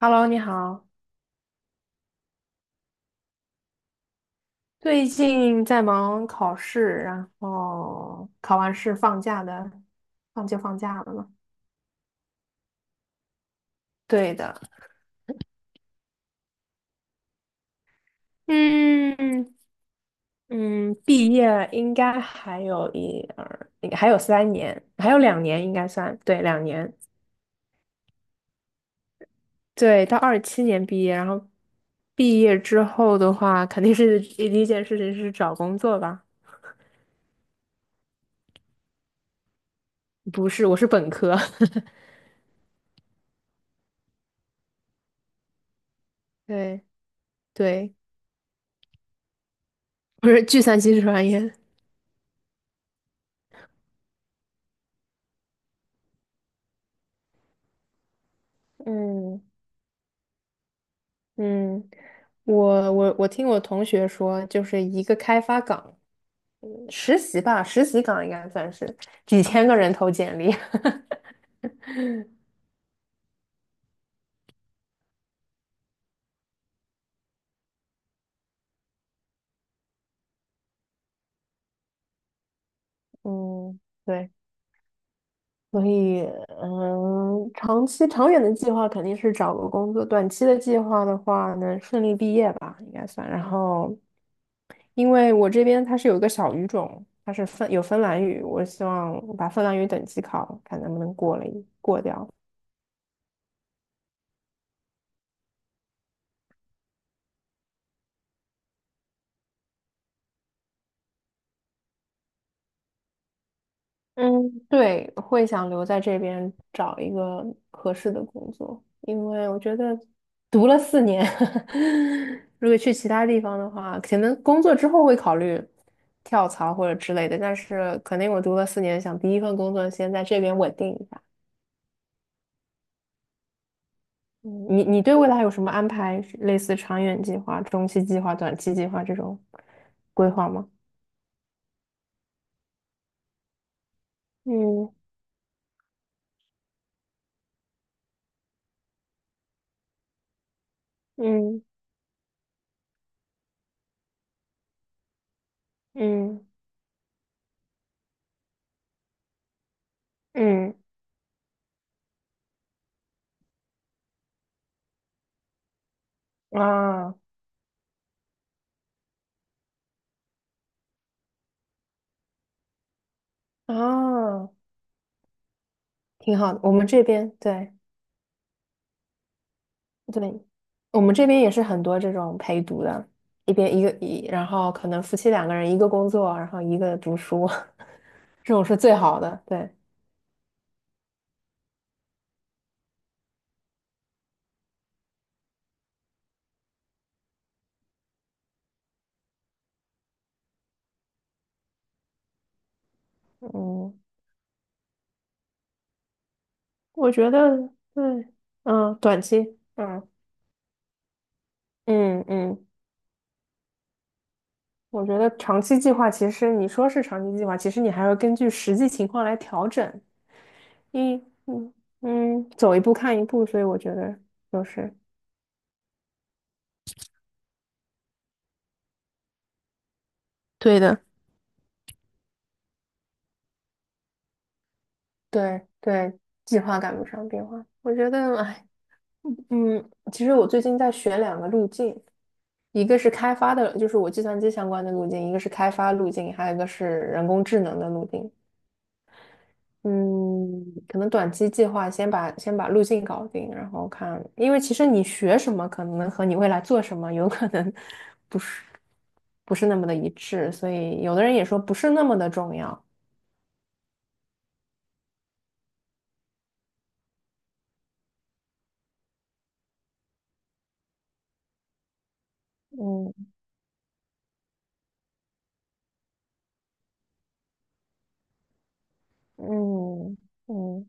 Hello，你好。最近在忙考试，然后考完试放假的，放假了嘛。对的，嗯嗯，毕业应该还有3年，还有两年应该算，对，两年，对，到27年毕业，然后毕业之后的话，肯定是第一件事情是找工作吧？不是，我是本科，对对，我是计算机专业，嗯。嗯，我听我同学说，就是一个开发岗实习吧，实习岗应该算是几千个人投简历。嗯，对，所以长期长远的计划肯定是找个工作，短期的计划的话能顺利毕业吧，应该算。然后，因为我这边它是有一个小语种，它是芬兰语，我希望把芬兰语等级考，看能不能过了一过掉。嗯，对，会想留在这边找一个合适的工作，因为我觉得读了四年，如果去其他地方的话，可能工作之后会考虑跳槽或者之类的，但是肯定我读了四年，想第一份工作先在这边稳定一下。嗯，你对未来有什么安排？类似长远计划、中期计划、短期计划这种规划吗？嗯嗯嗯嗯啊啊！挺好的。我们这边对对，我们这边也是很多这种陪读的，一边一个一，然后可能夫妻2个人一个工作，然后一个读书，这种是最好的。对，嗯，我觉得对，嗯，短期，嗯嗯嗯，我觉得长期计划其实你说是长期计划，其实你还要根据实际情况来调整。一嗯嗯，走一步看一步，所以我觉得就是。对的。对对，计划赶不上变化。我觉得，哎，其实我最近在选两个路径，一个是开发的，就是我计算机相关的路径，一个是开发路径，还有一个是人工智能的路径。嗯，可能短期计划先把路径搞定，然后看，因为其实你学什么可能和你未来做什么有可能不是不是那么的一致，所以有的人也说不是那么的重要。嗯嗯嗯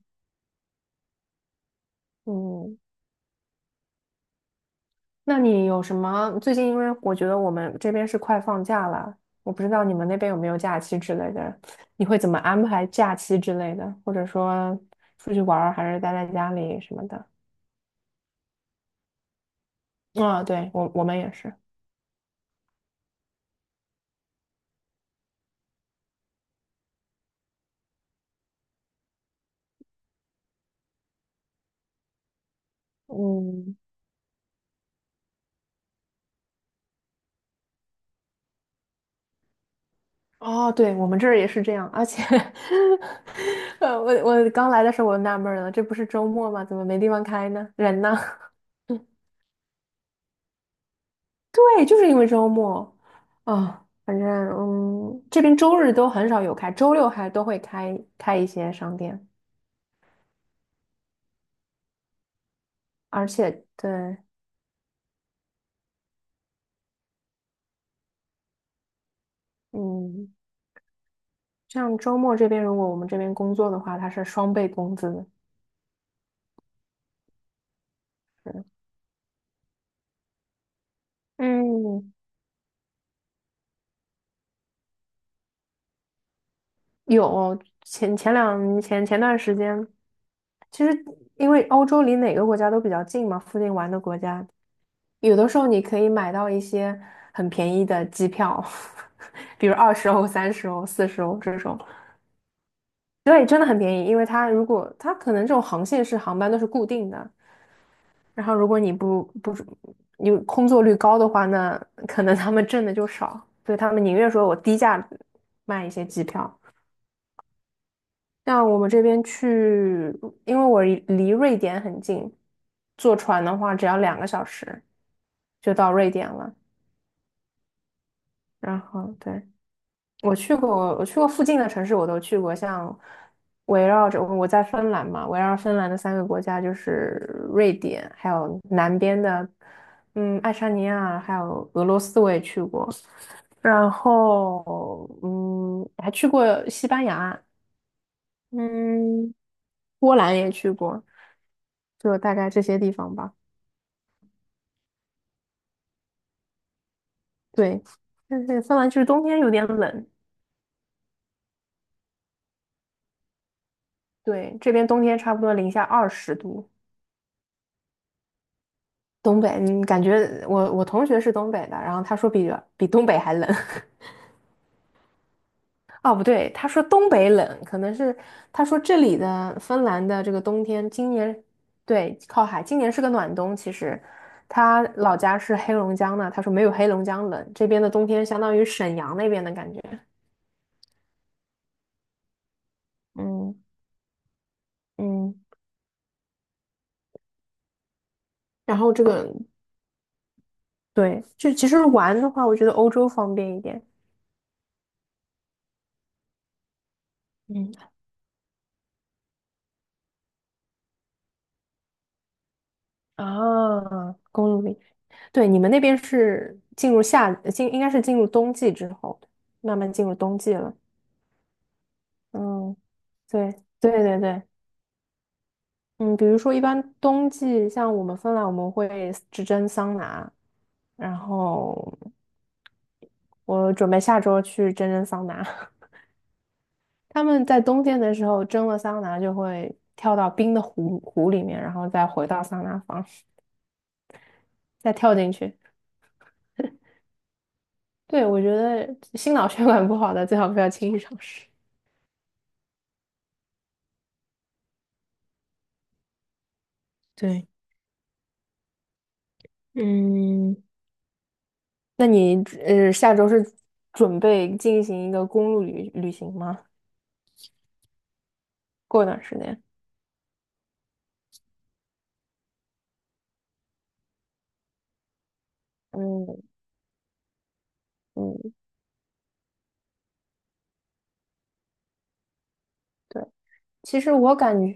嗯，那你有什么？最近因为我觉得我们这边是快放假了，我不知道你们那边有没有假期之类的，你会怎么安排假期之类的，或者说出去玩儿还是待在家里什么的？啊、对，我们也是，嗯，哦，对，我们这儿也是这样，而且 我刚来的时候我就纳闷儿了，这不是周末吗？怎么没地方开呢？人呢？对，就是因为周末，啊、反正嗯，这边周日都很少有开，周六还都会开开一些商店，而且对，嗯，像周末这边，如果我们这边工作的话，它是双倍工资的。嗯，有前前两前前段时间，其实因为欧洲离哪个国家都比较近嘛，附近玩的国家，有的时候你可以买到一些很便宜的机票，比如20欧、30欧、40欧这种。对，真的很便宜，因为它如果它可能这种航线是航班都是固定的，然后如果你不是你空座率高的话，那可能他们挣的就少，所以他们宁愿说我低价卖一些机票。像我们这边去，因为我离瑞典很近，坐船的话只要2个小时就到瑞典了。然后对。我去过，我去过附近的城市，我都去过。像围绕着我在芬兰嘛，围绕芬兰的3个国家就是瑞典，还有南边的爱沙尼亚，还有俄罗斯，我也去过。然后嗯，还去过西班牙，嗯，波兰也去过，就大概这些地方吧。对，但是芬兰就是冬天有点冷，对，这边冬天差不多零下20度。东北，嗯，感觉我同学是东北的，然后他说比东北还冷。哦，不对，他说东北冷，可能是他说这里的芬兰的这个冬天，今年对靠海，今年是个暖冬。其实他老家是黑龙江的，他说没有黑龙江冷，这边的冬天相当于沈阳那边的感觉。嗯嗯然后这个对，就其实玩的话，我觉得欧洲方便一点。嗯。啊，公路里，对，你们那边是进入夏，进，应该是进入冬季之后，慢慢进入冬季了。嗯，对，对对对，嗯，比如说一般冬季，像我们芬兰，我们会只蒸桑拿，然后我准备下周去蒸蒸桑拿。他们在冬天的时候蒸了桑拿，就会跳到冰的湖里面，然后再回到桑拿房，再跳进去。对，我觉得心脑 血管不好的最好不要轻易尝试。对。嗯，那你下周是准备进行一个公路旅行吗？过一段时间。嗯嗯，对，其实我感觉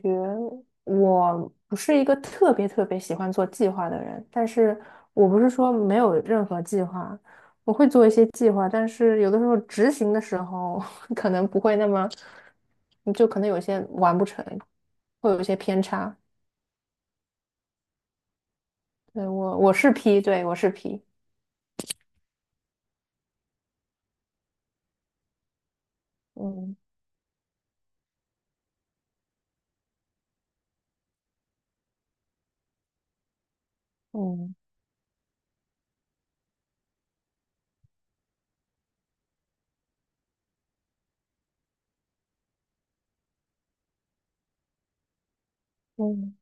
我不是一个特别特别喜欢做计划的人，但是我不是说没有任何计划，我会做一些计划，但是有的时候执行的时候 可能不会那么，你就可能有些完不成，会有一些偏差。对，我是 P，对，我是 P。嗯嗯嗯。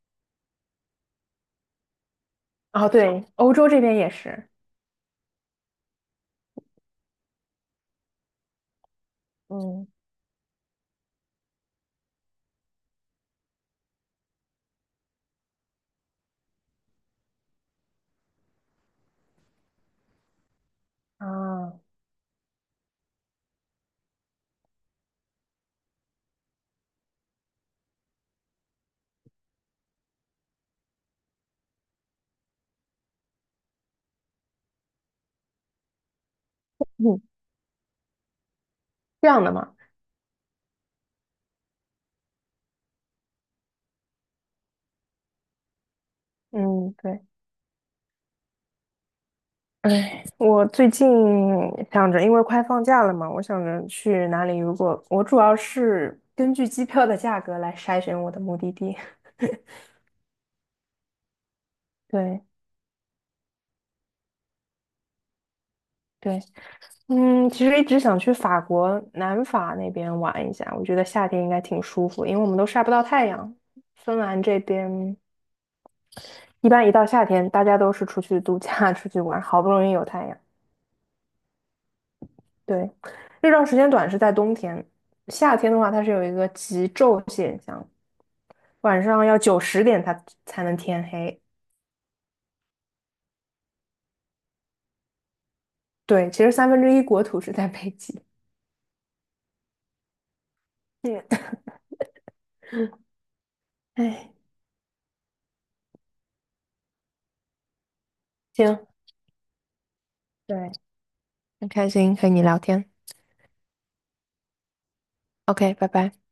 哦，对，欧洲这边也是。嗯啊，嗯，这样的嘛，嗯，对，哎，我最近想着，因为快放假了嘛，我想着去哪里。如果我主要是根据机票的价格来筛选我的目的地。对对，嗯，其实一直想去法国南法那边玩一下，我觉得夏天应该挺舒服，因为我们都晒不到太阳。芬兰这边一般一到夏天，大家都是出去度假、出去玩，好不容易有太阳。对，日照时间短是在冬天，夏天的话它是有一个极昼现象，晚上要9、10点它才能天黑。对，其实1/3国土是在北极。嗯，哎，行，对，很开心和你聊天。OK，拜拜。